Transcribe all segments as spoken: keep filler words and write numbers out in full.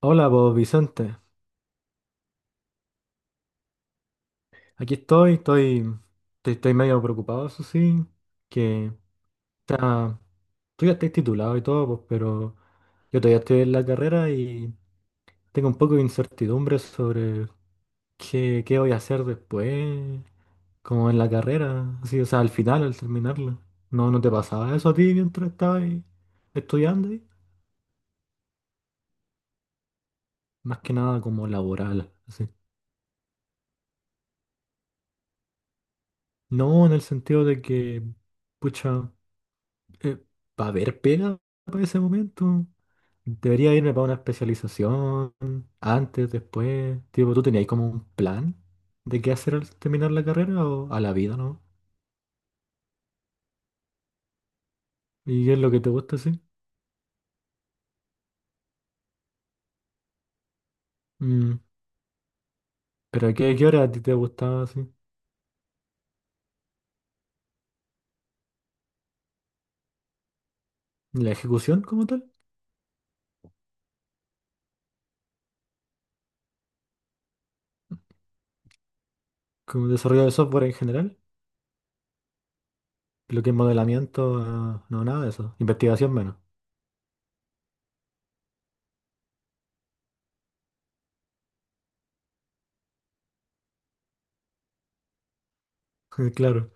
Hola, vos Vicente. Aquí estoy, estoy, estoy, estoy medio preocupado, eso sí, que está, tú ya estás titulado y todo, pues, pero yo todavía estoy en la carrera y tengo un poco de incertidumbre sobre qué, qué voy a hacer después, como en la carrera, así, o sea, al final, al terminarla. ¿No, no te pasaba eso a ti mientras estabas ahí estudiando ahí? Más que nada como laboral, así. No, en el sentido de que, pucha. Eh, ¿Va a haber pega para ese momento? ¿Debería irme para una especialización antes, después? Tipo, ¿tú tenías como un plan de qué hacer al terminar la carrera o a la vida, no? ¿Y qué es lo que te gusta, sí? Mm, ¿pero a qué, qué hora a ti te gustaba, así? ¿La ejecución como tal? ¿Como desarrollo de software en general? Lo que es modelamiento, ah, no, nada de eso. Investigación menos. Claro.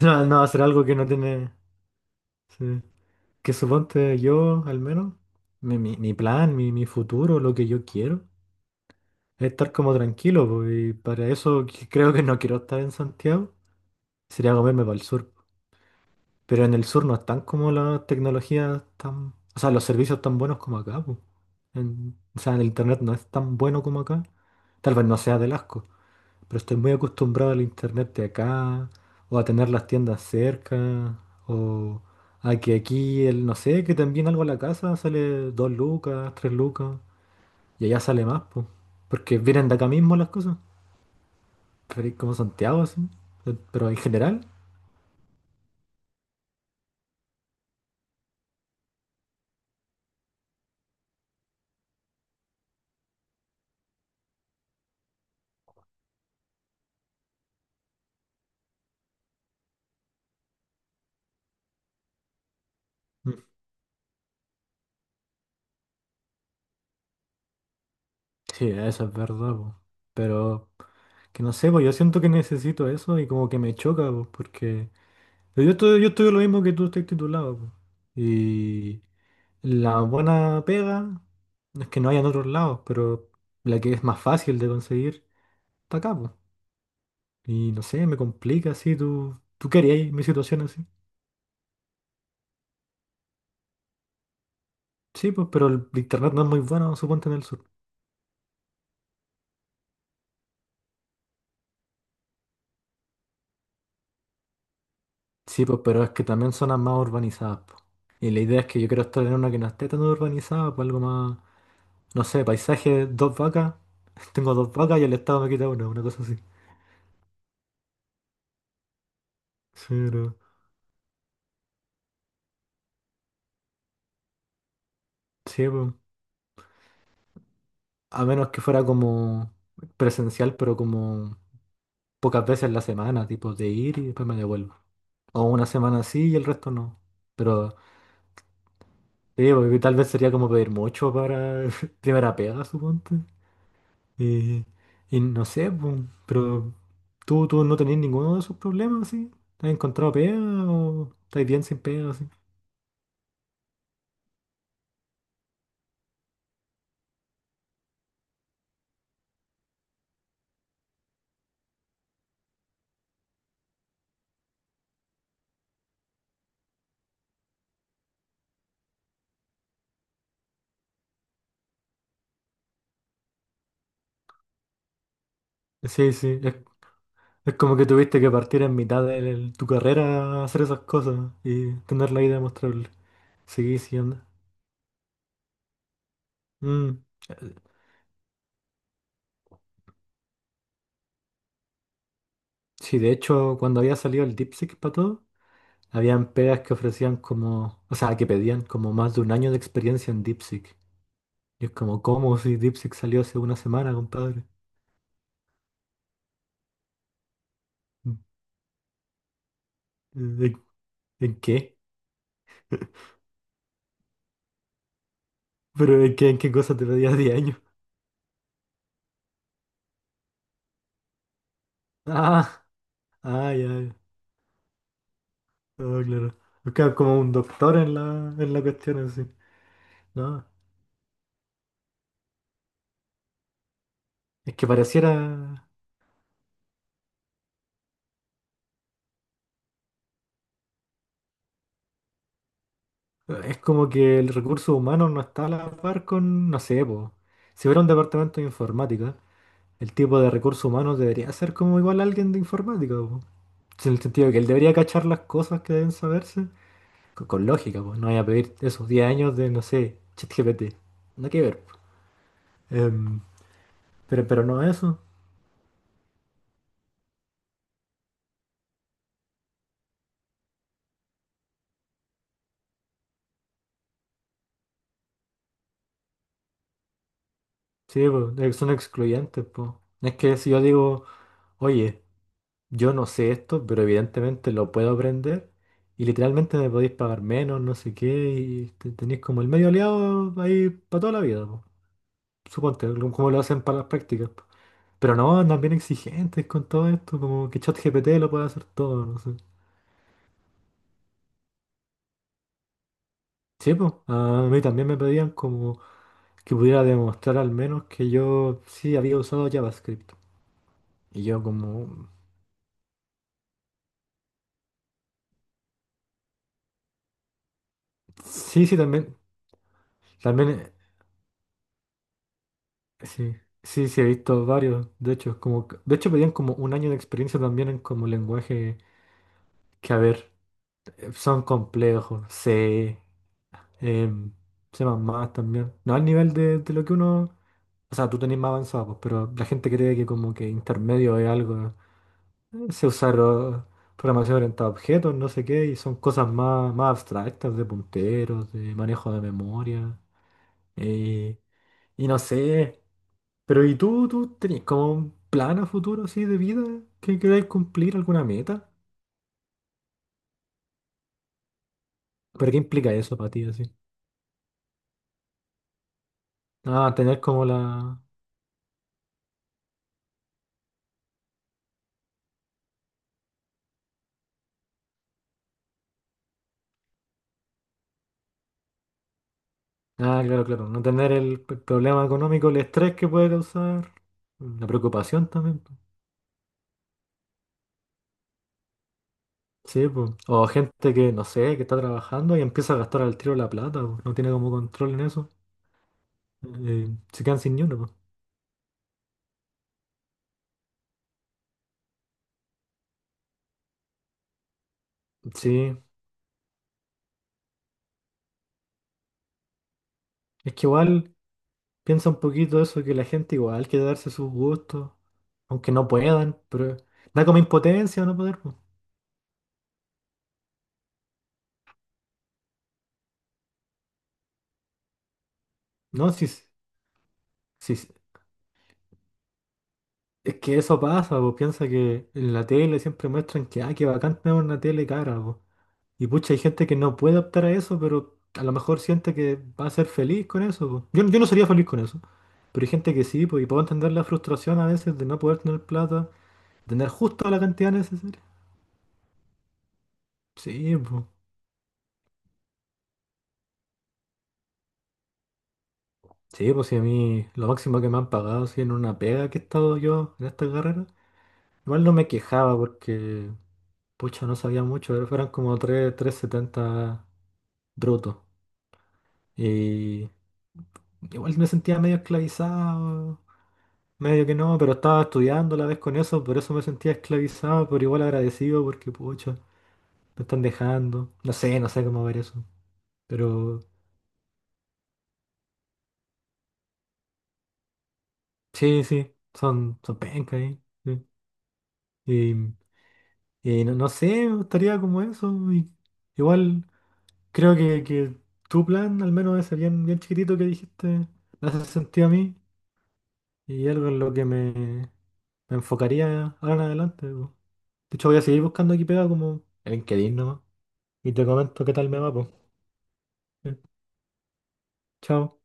No, no hacer algo que no tiene... Sí. Que suponte yo, al menos, mi, mi- mi plan, mi, mi futuro, lo que yo quiero, es estar como tranquilo, po, y para eso que- creo que no quiero estar en Santiago, sería comerme para el sur. Pero en el sur no están como las tecnologías tan, o sea, los servicios tan buenos como acá, po. En- o sea, el internet no es tan bueno como acá. Tal vez no sea del asco, pero estoy muy acostumbrado al internet de acá, o a tener las tiendas cerca, o a que aquí, el, no sé, que también algo a la casa sale dos lucas, tres lucas, y allá sale más, pues. Porque vienen de acá mismo las cosas. Pero es como Santiago, así. eh, Pero en general, mm, sí, eso es verdad, pues. Pero que no sé, pues yo siento que necesito eso y como que me choca, pues, porque yo estoy, yo estoy lo mismo que tú estás titulado, pues. Y. La buena pega es que no hay en otros lados, pero la que es más fácil de conseguir está acá, po. Y no sé, me complica así, tú, tú querías mi situación así. Sí, pues, pero el internet no es muy bueno, suponte en el sur. Sí, pues, pero es que también zonas más urbanizadas, po. Y la idea es que yo quiero estar en una que no esté tan urbanizada, pues algo más, no sé, paisaje, dos vacas. Tengo dos vacas y el Estado me quita una, una cosa así. Sí, pero, sí, pues. A menos que fuera como presencial, pero como pocas veces en la semana, tipo de ir y después me devuelvo. O una semana así y el resto no. Pero sí, porque tal vez sería como pedir mucho para primera pega, suponte. Y, y no sé, pues, pero tú, tú no tenés ninguno de esos problemas, ¿sí? ¿Has encontrado pega o estás bien sin pega, sí? Sí, sí, es, es como que tuviste que partir en mitad de el- tu carrera a hacer esas cosas y tener la idea demostrable. Seguí siendo. Mm. eh, Sí, de hecho, cuando había salido el DeepSeek para todo, habían pegas que ofrecían como, o sea, que pedían como más de un año de experiencia en DeepSeek. Y es como, ¿cómo si DeepSeek salió hace una semana, compadre? ¿En, en qué? ¿Pero en qué, en qué cosa te pedía diez años? Ah, ah, ya, ya. Ah, claro. Buscaba como un doctor en la, en la cuestión así. No, es que pareciera, es como que el recurso humano no está a la par con, no sé, po. Si fuera un departamento de informática, el tipo de recursos humanos debería ser como igual a alguien de informática. Sí, en el sentido de que él debería cachar las cosas que deben saberse. co- Con lógica, pues no voy a pedir esos diez años de, no sé, ChatGPT. No que ver, pues. Em, pero, pero no eso. Sí, pues, eh, son excluyentes, pues. No. Es que si yo digo, oye, yo no sé esto, pero evidentemente lo puedo aprender. Y literalmente me podéis pagar menos, no sé qué, y te- tenéis como el medio aliado ahí para toda la vida, pues. Suponte, lo- como lo hacen para las prácticas, pues. Pero no, andan bien exigentes con todo esto, como que ChatGPT lo puede hacer todo, no sé. Sí, pues, a mí también me pedían como que pudiera demostrar al menos que yo sí había usado JavaScript. Y yo como, sí, sí, también, también, eh, sí, sí, sí, he visto varios, de hecho, como, que- de hecho pedían como un año de experiencia también en como lenguaje que, a ver, eh, son complejos, C, em, C más más también, no al nivel de, de lo que uno, o sea, tú tenés más avanzado, pues, pero la gente cree que como que intermedio es algo se usaron programación orientada a objetos, no sé qué, y son cosas más, más abstractas, de punteros, de manejo de memoria, eh, y no sé. Pero ¿y tú, tú tenías como un plan a futuro así de vida? ¿Que queráis cumplir alguna meta? ¿Pero qué implica eso para ti así? Ah, tener como la... Ah, claro, claro, no tener el, p- problema económico, el estrés que puede causar, la preocupación también, po. Sí, pues. O gente que, no sé, que está trabajando y empieza a gastar al tiro la plata, po, no tiene como control en eso. Eh, se quedan sin ni uno, po. Sí, es que igual piensa un poquito eso, que la gente igual quiere darse sus gustos, aunque no puedan, pero da como impotencia no poder, po. No, si, s- si, s- Es que eso pasa, pues piensa que en la tele siempre muestran que, ah, qué bacán tener una tele cara, po. Y pucha, hay gente que no puede optar a eso, pero a lo mejor siente que va a ser feliz con eso, po. Yo, yo no sería feliz con eso, pero hay gente que sí, pues, y puedo entender la frustración a veces de no poder tener plata, tener justo la cantidad necesaria. Sí, pues. Sí, pues si a mí lo máximo que me han pagado, si en una pega que he estado yo en esta carrera, igual no me quejaba porque, pucha, no sabía mucho, pero fueron como tres tres setenta brutos. Y igual me sentía medio esclavizado, medio que no, pero estaba estudiando a la vez con eso, por eso me sentía esclavizado, pero igual agradecido porque, pucha, me están dejando. No sé, no sé cómo ver eso. Pero sí, sí, son, son pencas ahí. Sí. Y no, no sé, me gustaría como eso. Y igual creo que, que tu plan, al menos ese bien, bien chiquitito que dijiste, me hace sentido a mí y algo en lo que me, me enfocaría ahora en adelante, po. De hecho, voy a seguir buscando aquí pegado como en LinkedIn nomás. Y te comento qué tal me va, pues. Chao.